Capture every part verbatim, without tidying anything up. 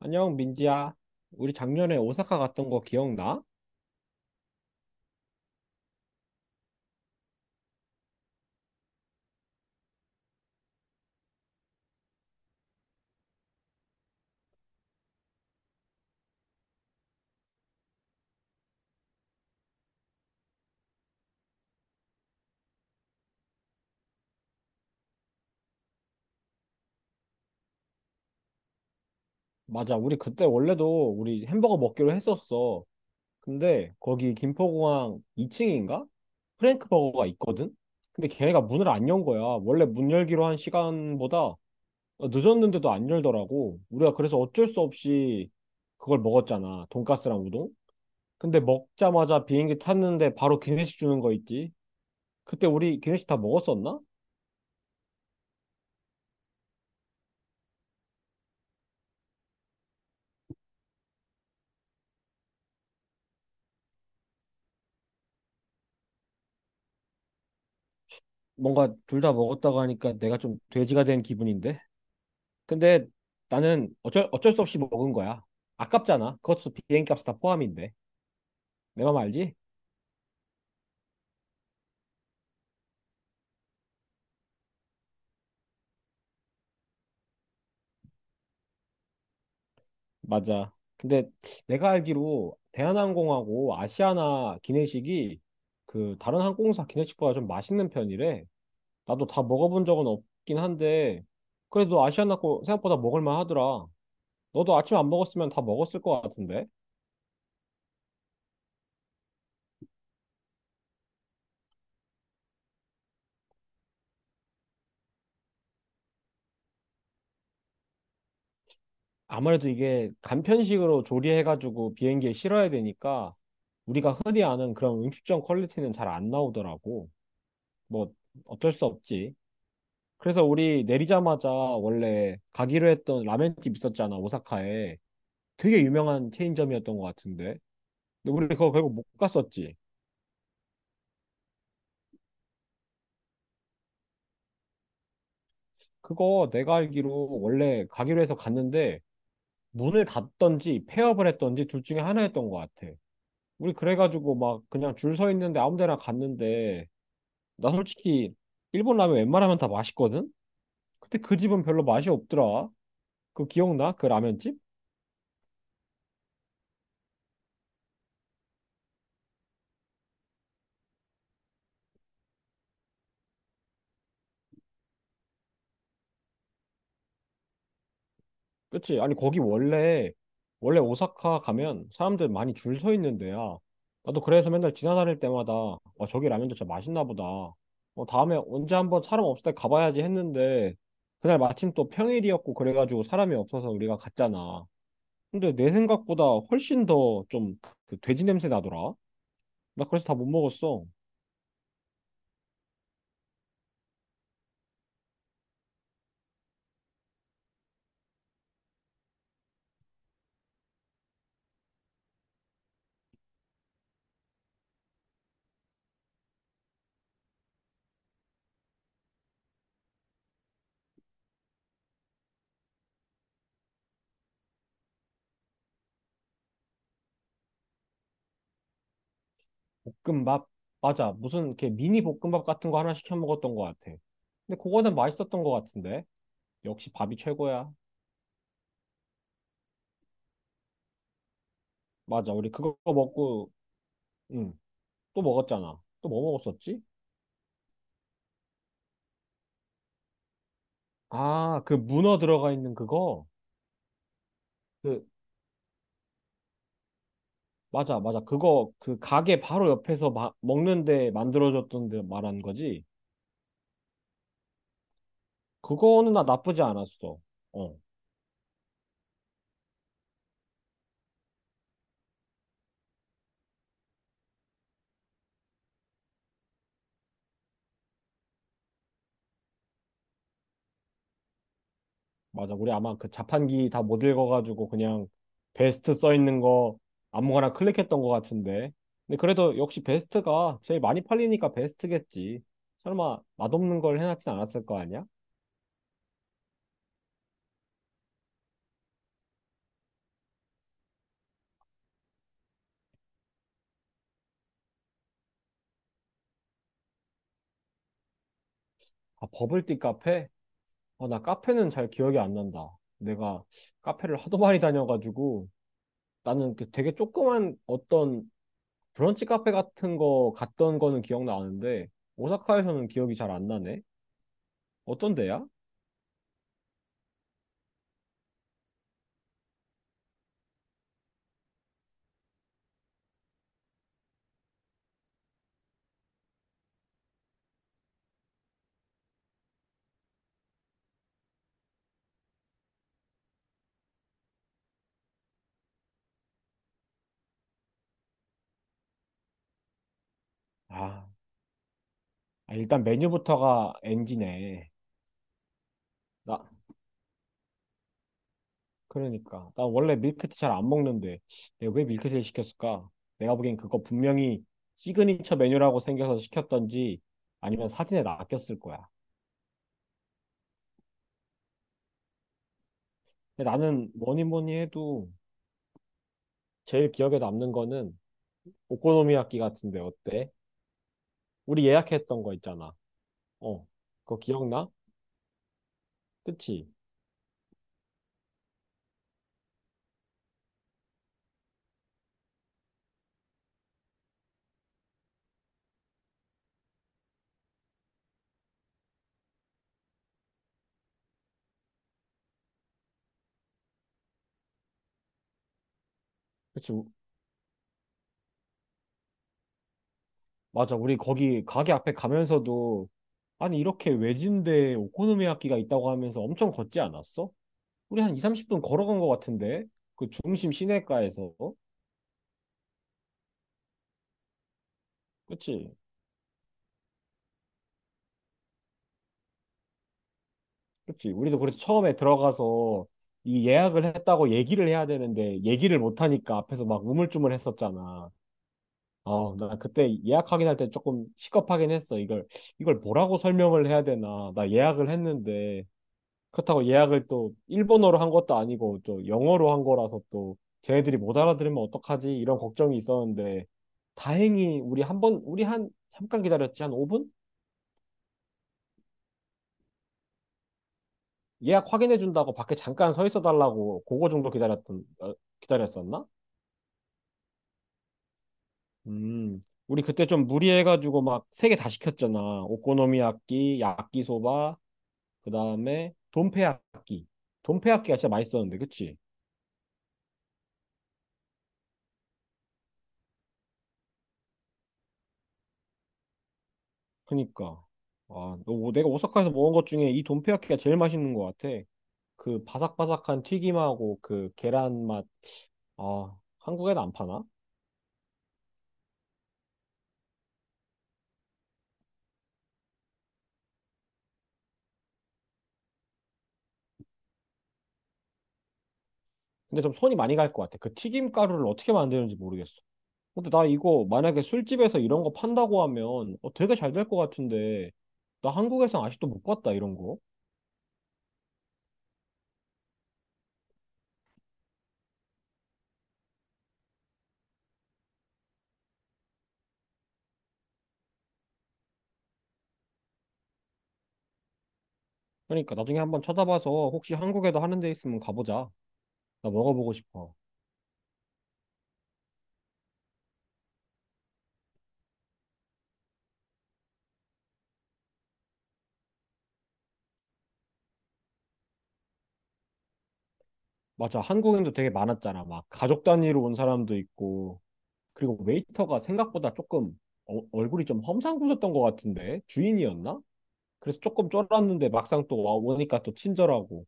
안녕, 민지야. 우리 작년에 오사카 갔던 거 기억나? 맞아, 우리 그때 원래도 우리 햄버거 먹기로 했었어. 근데 거기 김포공항 이 층인가? 프랭크 버거가 있거든? 근데 걔네가 문을 안 연 거야. 원래 문 열기로 한 시간보다 늦었는데도 안 열더라고. 우리가 그래서 어쩔 수 없이 그걸 먹었잖아. 돈가스랑 우동? 근데 먹자마자 비행기 탔는데 바로 기내식 주는 거 있지? 그때 우리 기내식 다 먹었었나? 뭔가 둘 다 먹었다고 하니까 내가 좀 돼지가 된 기분인데? 근데 나는 어쩔, 어쩔 수 없이 먹은 거야. 아깝잖아. 그것도 비행값 다 포함인데. 내 맘 알지? 맞아. 근데 내가 알기로 대한항공하고 아시아나 기내식이 그 다른 항공사 기내식보다 좀 맛있는 편이래. 나도 다 먹어본 적은 없긴 한데 그래도 아시아나 거 생각보다 먹을만 하더라. 너도 아침 안 먹었으면 다 먹었을 것 같은데? 아무래도 이게 간편식으로 조리해가지고 비행기에 실어야 되니까 우리가 흔히 아는 그런 음식점 퀄리티는 잘 안 나오더라고. 뭐 어쩔 수 없지. 그래서 우리 내리자마자 원래 가기로 했던 라멘집 있었잖아, 오사카에. 되게 유명한 체인점이었던 것 같은데. 근데 우리 그거 결국 못 갔었지. 그거 내가 알기로 원래 가기로 해서 갔는데 문을 닫던지 폐업을 했던지 둘 중에 하나였던 것 같아. 우리 그래가지고 막 그냥 줄 서 있는데 아무 데나 갔는데 나 솔직히 일본 라면 웬만하면 다 맛있거든? 근데 그 집은 별로 맛이 없더라. 그거 기억나? 그 라면집? 그치? 아니 거기 원래 원래 오사카 가면 사람들 많이 줄 서 있는 데야. 나도 그래서 맨날 지나다닐 때마다 와 저기 라면도 진짜 맛있나 보다. 어, 다음에 언제 한번 사람 없을 때 가봐야지 했는데 그날 마침 또 평일이었고 그래가지고 사람이 없어서 우리가 갔잖아. 근데 내 생각보다 훨씬 더 좀 그 돼지 냄새 나더라. 나 그래서 다 못 먹었어. 볶음밥? 맞아. 무슨 이렇게 미니 볶음밥 같은 거 하나 시켜 먹었던 것 같아. 근데 그거는 맛있었던 것 같은데. 역시 밥이 최고야. 맞아. 우리 그거 먹고, 응, 또 먹었잖아. 또 뭐 먹었었지? 아, 그 문어 들어가 있는 그거? 그, 맞아, 맞아. 그거, 그 가게 바로 옆에서 마- 먹는데 만들어줬던데 말한 거지? 그거는 나 나쁘지 않았어. 어. 맞아. 우리 아마 그 자판기 다 못 읽어가지고 그냥 베스트 써 있는 거 아무거나 클릭했던 것 같은데. 근데 그래도 역시 베스트가 제일 많이 팔리니까 베스트겠지. 설마 맛없는 걸 해놨진 않았을 거 아니야? 아, 버블티 카페? 어, 나 카페는 잘 기억이 안 난다. 내가 카페를 하도 많이 다녀가지고 나는 그 되게 조그만 어떤 브런치 카페 같은 거 갔던 거는 기억나는데 오사카에서는 기억이 잘 안 나네. 어떤 데야? 아, 아, 일단 메뉴부터가 엔지네. 나, 그러니까. 나 원래 밀크티 잘 안 먹는데, 내가 왜 밀크티를 시켰을까? 내가 보기엔 그거 분명히 시그니처 메뉴라고 생겨서 시켰던지, 아니면 사진에 낚였을 거야. 근데 나는 뭐니 뭐니 해도 제일 기억에 남는 거는 오코노미야끼 같은데 어때? 우리 예약했던 거 있잖아. 어, 그거 기억나? 그치? 그치? 우- 맞아. 우리 거기 가게 앞에 가면서도 아니 이렇게 외진데 오코노미야끼가 있다고 하면서 엄청 걷지 않았어? 우리 한 이, 삼십 분 걸어간 것 같은데? 그 중심 시내가에서. 그치? 그치? 우리도 그래서 처음에 들어가서 이 예약을 했다고 얘기를 해야 되는데 얘기를 못하니까 앞에서 막 우물쭈물 했었잖아. 어, 나 그때 예약 확인할 때 조금 시겁하긴 했어. 이걸, 이걸 뭐라고 설명을 해야 되나. 나 예약을 했는데 그렇다고 예약을 또 일본어로 한 것도 아니고 또 영어로 한 거라서 또 쟤네들이 못 알아들으면 어떡하지? 이런 걱정이 있었는데 다행히 우리 한 번, 우리 한 잠깐 기다렸지. 한 오 분? 예약 확인해 준다고 밖에 잠깐 서 있어 달라고 그거 정도 기다렸던 어, 기다렸었나? 음. 우리 그때 좀 무리해 가지고 막 세 개 다 시켰잖아. 오코노미야끼, 야끼소바, 그다음에 돈페야끼. 돈페야끼가 진짜 맛있었는데. 그치? 그니까. 아, 너, 뭐 내가 오사카에서 먹은 것 중에 이 돈페야끼가 제일 맛있는 것 같아. 그 바삭바삭한 튀김하고 그 계란 맛. 아, 한국에는 안 파나? 근데 좀 손이 많이 갈 것 같아. 그 튀김 가루를 어떻게 만드는지 모르겠어. 근데 나 이거 만약에 술집에서 이런 거 판다고 하면 어, 되게 잘 될 것 같은데 나 한국에선 아직도 못 봤다 이런 거. 그러니까 나중에 한번 찾아봐서 혹시 한국에도 하는 데 있으면 가보자. 나 먹어보고 싶어. 맞아 한국인도 되게 많았잖아. 막 가족 단위로 온 사람도 있고 그리고 웨이터가 생각보다 조금 어- 얼굴이 좀 험상궂었던 것 같은데 주인이었나? 그래서 조금 쫄았는데 막상 또 와- 오니까 또 친절하고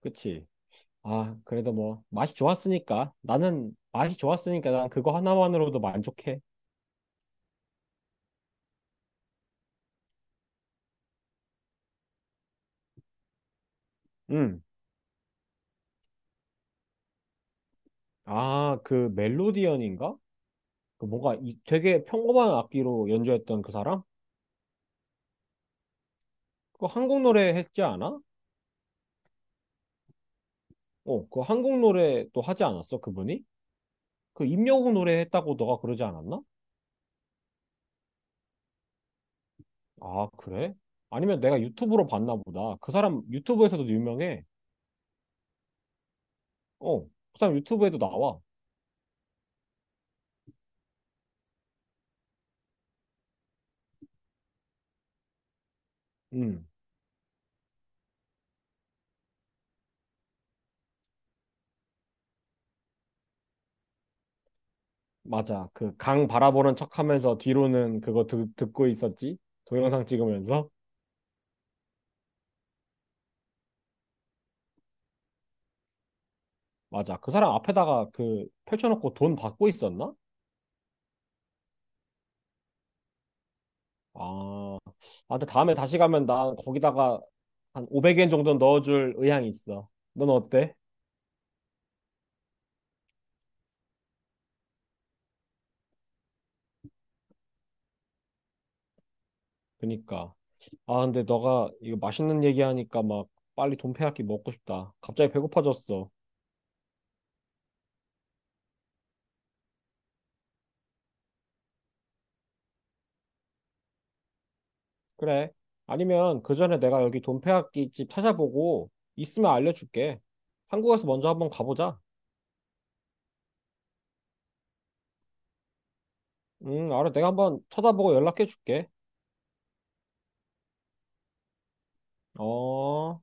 그치? 아, 그래도 뭐 맛이 좋았으니까 나는 맛이 좋았으니까 난 그거 하나만으로도 만족해. 음. 아, 그 멜로디언인가? 그 뭔가 이, 되게 평범한 악기로 연주했던 그 사람? 그거 한국 노래 했지 않아? 어, 그 한국 노래도 하지 않았어, 그분이? 그 임영웅 노래 했다고 너가 그러지 않았나? 아, 그래? 아니면 내가 유튜브로 봤나 보다. 그 사람 유튜브에서도 유명해. 어, 그 사람 유튜브에도 나와. 음. 맞아. 그 강 바라보는 척하면서 뒤로는 그거 듣, 듣고 있었지? 동영상 찍으면서? 맞아. 그 사람 앞에다가 그 펼쳐놓고 돈 받고 있었나? 아, 아 근데 다음에 다시 가면 난 거기다가 한 오백 엔 정도 넣어줄 의향이 있어. 넌 어때? 그니까. 아, 근데 너가 이거 맛있는 얘기하니까 막 빨리 돈페야끼 먹고 싶다. 갑자기 배고파졌어. 그래. 아니면 그 전에 내가 여기 돈페야끼 집 찾아보고 있으면 알려줄게. 한국에서 먼저 한번 가보자. 음, 알아. 내가 한번 찾아보고 연락해 줄게. 어.